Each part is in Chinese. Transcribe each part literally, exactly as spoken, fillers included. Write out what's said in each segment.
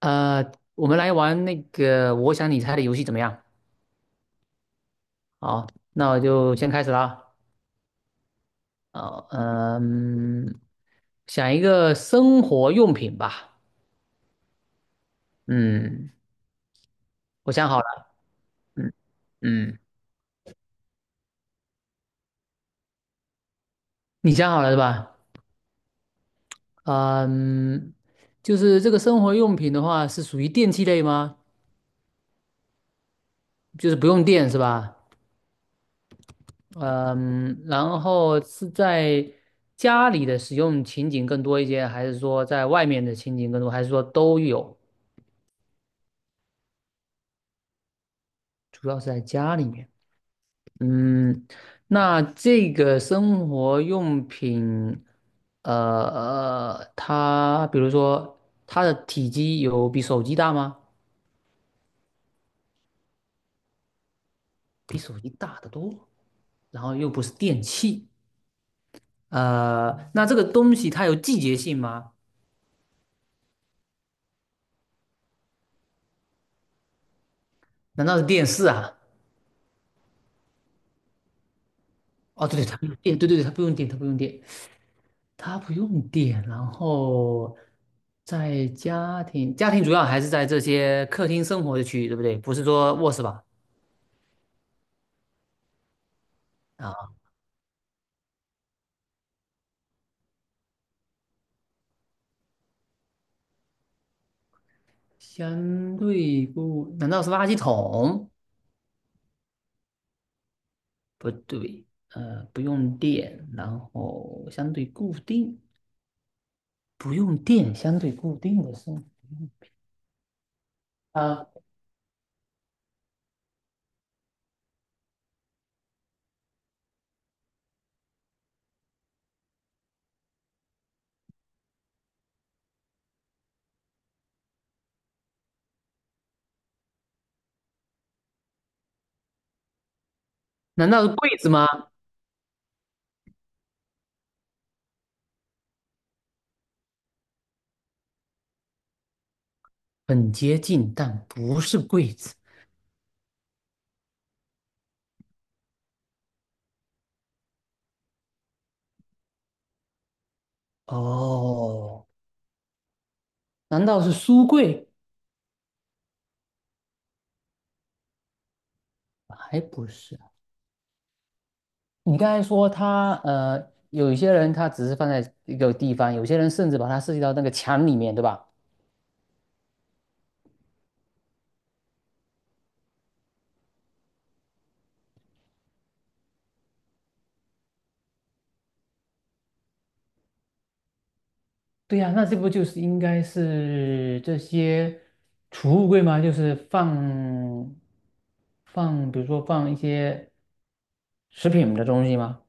呃，我们来玩那个我想你猜的游戏怎么样？好，那我就先开始了啊。好嗯，想一个生活用品吧。嗯，我想好了。嗯嗯，你想好了是吧？嗯，就是这个生活用品的话，是属于电器类吗？就是不用电是吧？嗯，然后是在家里的使用情景更多一些，还是说在外面的情景更多，还是说都有？主要是在家里面。嗯，那这个生活用品，呃，呃它比如说它的体积有比手机大吗？比手机大得多，然后又不是电器，呃，那这个东西它有季节性吗？难道是电视啊？哦，对对，它不用电，对对对，它不用电，它不用电，它不用电。然后在家庭，家庭主要还是在这些客厅生活的区域，对不对？不是说卧室吧？啊。相对不，难道是垃圾桶？不对，呃，不用电，然后相对固定，不用电，相对固定的是啊？难道是柜子吗？很接近，但不是柜子。哦，难道是书柜？还不是。你刚才说它，呃，有一些人他只是放在一个地方，有些人甚至把它设计到那个墙里面，对吧？对呀、那这不就是应该是这些储物柜吗？就是放放，比如说放一些食品的东西吗？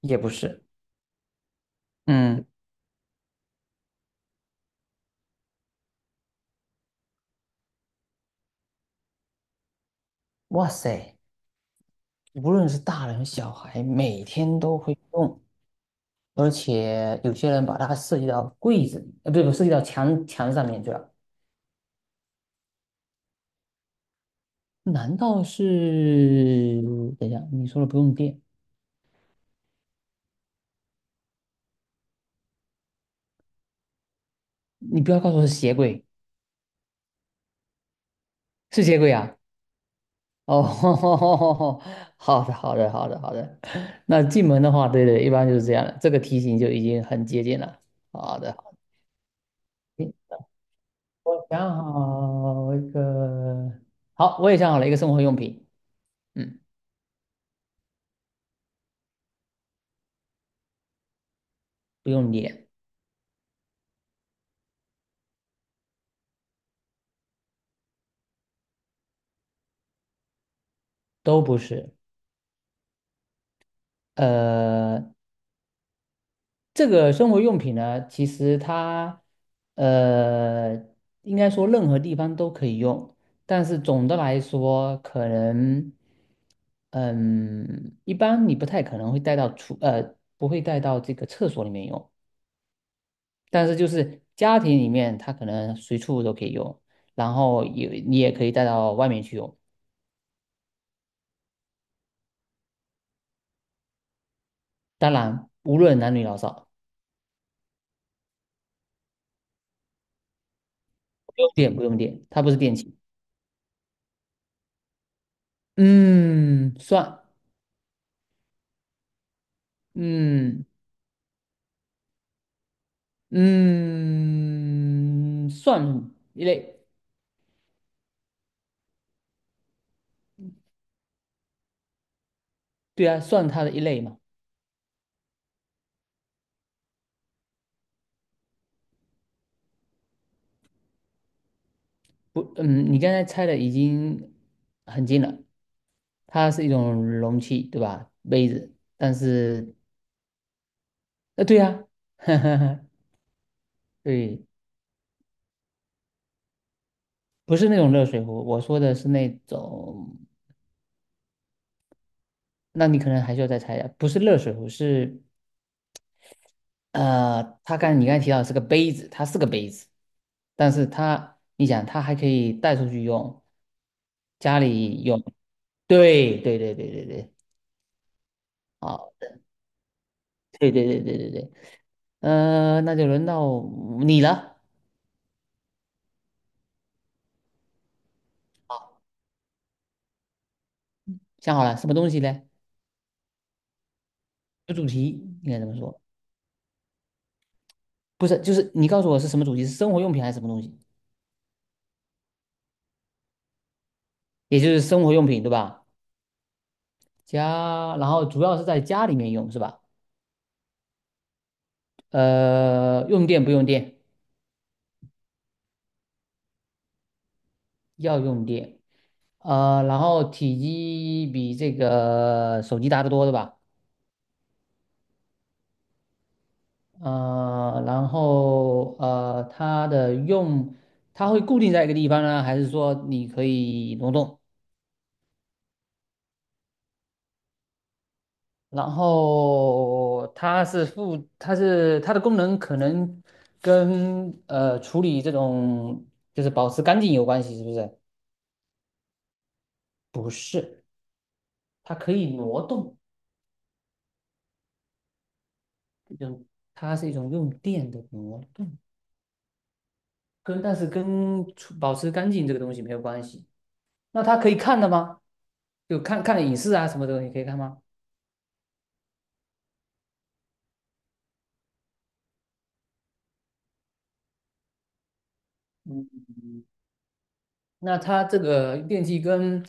也不是。嗯，哇塞，无论是大人小孩，每天都会用，而且有些人把它设计到柜子里，呃，不是不设计到墙墙上面去了。难道是？等一下，你说的不用电，你不要告诉我是鞋柜，是鞋柜啊？哦，好的，好的，好的，好的。那进门的话，对对，一般就是这样的，这个题型就已经很接近了。好的，好的，我想好一个，好，我也想好了一个生活用品，嗯，不用脸，都不是，呃，这个生活用品呢，其实它呃，应该说任何地方都可以用，但是总的来说，可能嗯，一般你不太可能会带到厨呃，不会带到这个厕所里面用，但是就是家庭里面，它可能随处都可以用，然后也你也可以带到外面去用，当然无论男女老少，不用电不用电，它不是电器，嗯，算，嗯。嗯，算一类，对啊，算它的一类嘛。不，嗯，你刚才猜的已经很近了，它是一种容器，对吧？杯子，但是，呃，对啊，对，不是那种热水壶，我说的是那种，那你可能还需要再猜一下，不是热水壶，是呃，它刚你刚才提到是个杯子，它是个杯子，但是它，你想，它还可以带出去用，家里用，对对对对对对，好，对对对对对对，呃，那就轮到你了，好，想好了什么东西嘞？有主题应该怎么说？不是，就是你告诉我是什么主题，是生活用品还是什么东西？也就是生活用品对吧？家，然后主要是在家里面用是吧？呃，用电不用电？要用电。呃，然后体积比这个手机大得多，对吧？呃，然后呃，它的用，它会固定在一个地方呢，还是说你可以挪动？然后它是负，它是它的功能可能跟呃处理这种就是保持干净有关系，是不是？不是，它可以挪动，就种它是一种用电的挪动，跟但是跟处保持干净这个东西没有关系。那他可以看的吗？就看看影视啊什么的，你可以看吗？嗯，那他这个电器跟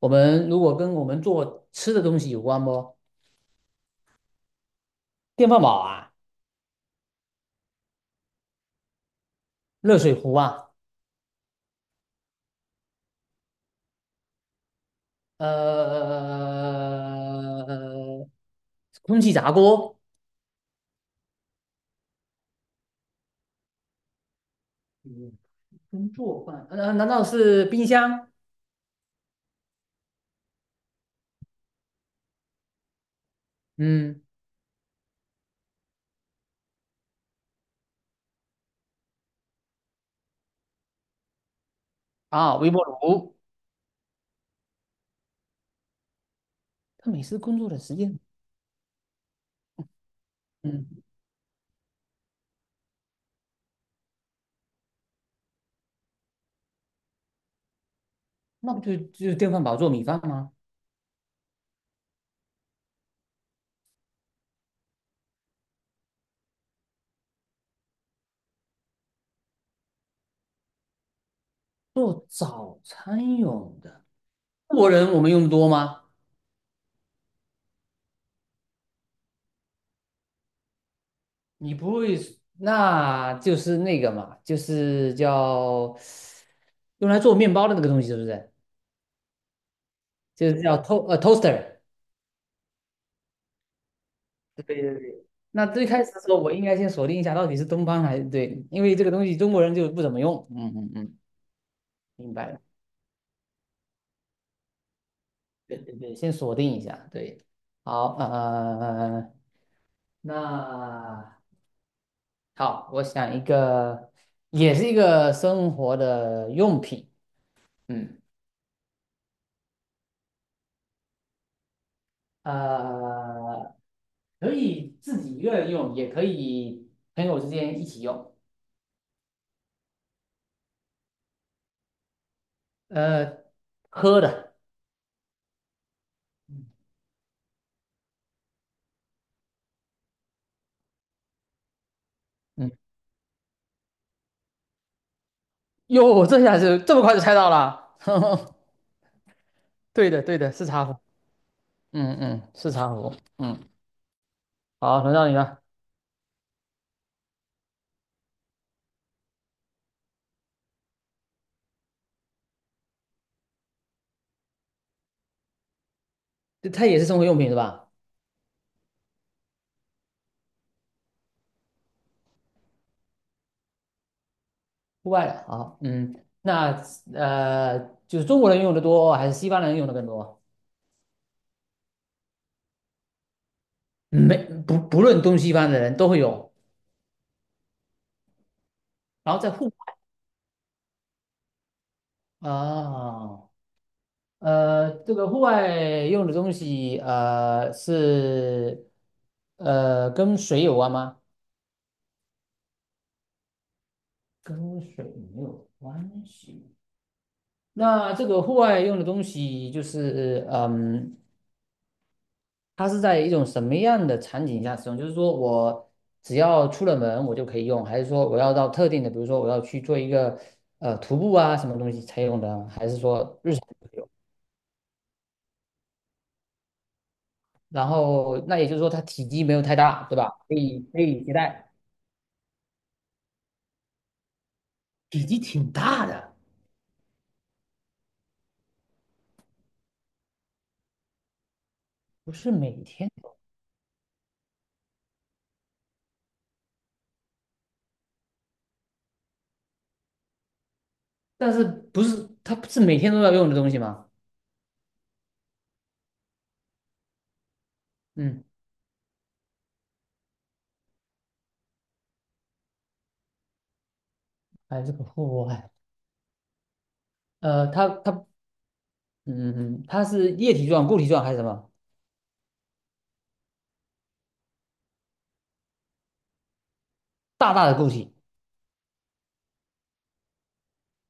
我们如果跟我们做吃的东西有关不？电饭煲啊，热水壶啊，呃，空气炸锅，嗯工作饭，呃，难道是冰箱？嗯，啊，微波炉。他每次工作的时间，嗯，那不就就电饭煲做米饭吗？做早餐用的。中国人我们用的多吗？你不会，那就是那个嘛，就是叫用来做面包的那个东西，是不是？就是叫 to 呃 toaster。对对对。那最开始的时候，我应该先锁定一下到底是东方还是对，因为这个东西中国人就不怎么用。嗯嗯嗯，明白了。对对对，先锁定一下。对，好，呃，呃呃呃呃那好，我想一个，也是一个生活的用品。嗯。呃，可以自己一个人用，也可以朋友之间一起用。呃，喝的，嗯，哟，这下是这么快就猜到了，对的，对的，是茶壶，嗯嗯，是茶壶，嗯，好，轮到你了，它也是生活用品是吧？户外的，好，嗯，那呃，就是中国人用的多还是西方人用的更多？没，不不论东西方的人都会有，然后在户外啊。呃，这个户外用的东西，呃，是呃跟水有关吗？跟水没有关系。那这个户外用的东西，就是嗯，它是在一种什么样的场景下使用？就是说我只要出了门我就可以用，还是说我要到特定的，比如说我要去做一个呃徒步啊什么东西才用的，还是说日常就可以用？然后那也就是说它体积没有太大，对吧？可以可以携带。体积挺大的，不是每天但是不是它不是每天都要用的东西吗？嗯，还是个户外，呃，它它嗯嗯，它是液体状、固体状还是什么？大大的固体。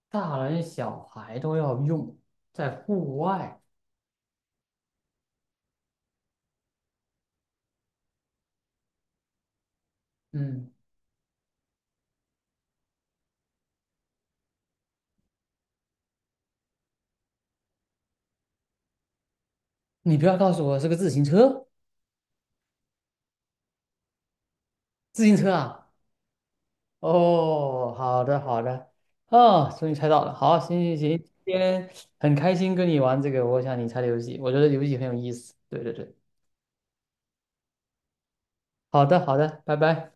大人小孩都要用，在户外。嗯，你不要告诉我是个自行车，自行车啊？哦，好的好的，哦，终于猜到了。好，行行行，今天很开心跟你玩这个我想你猜的游戏，我觉得游戏很有意思。对对对，好的好的，拜拜。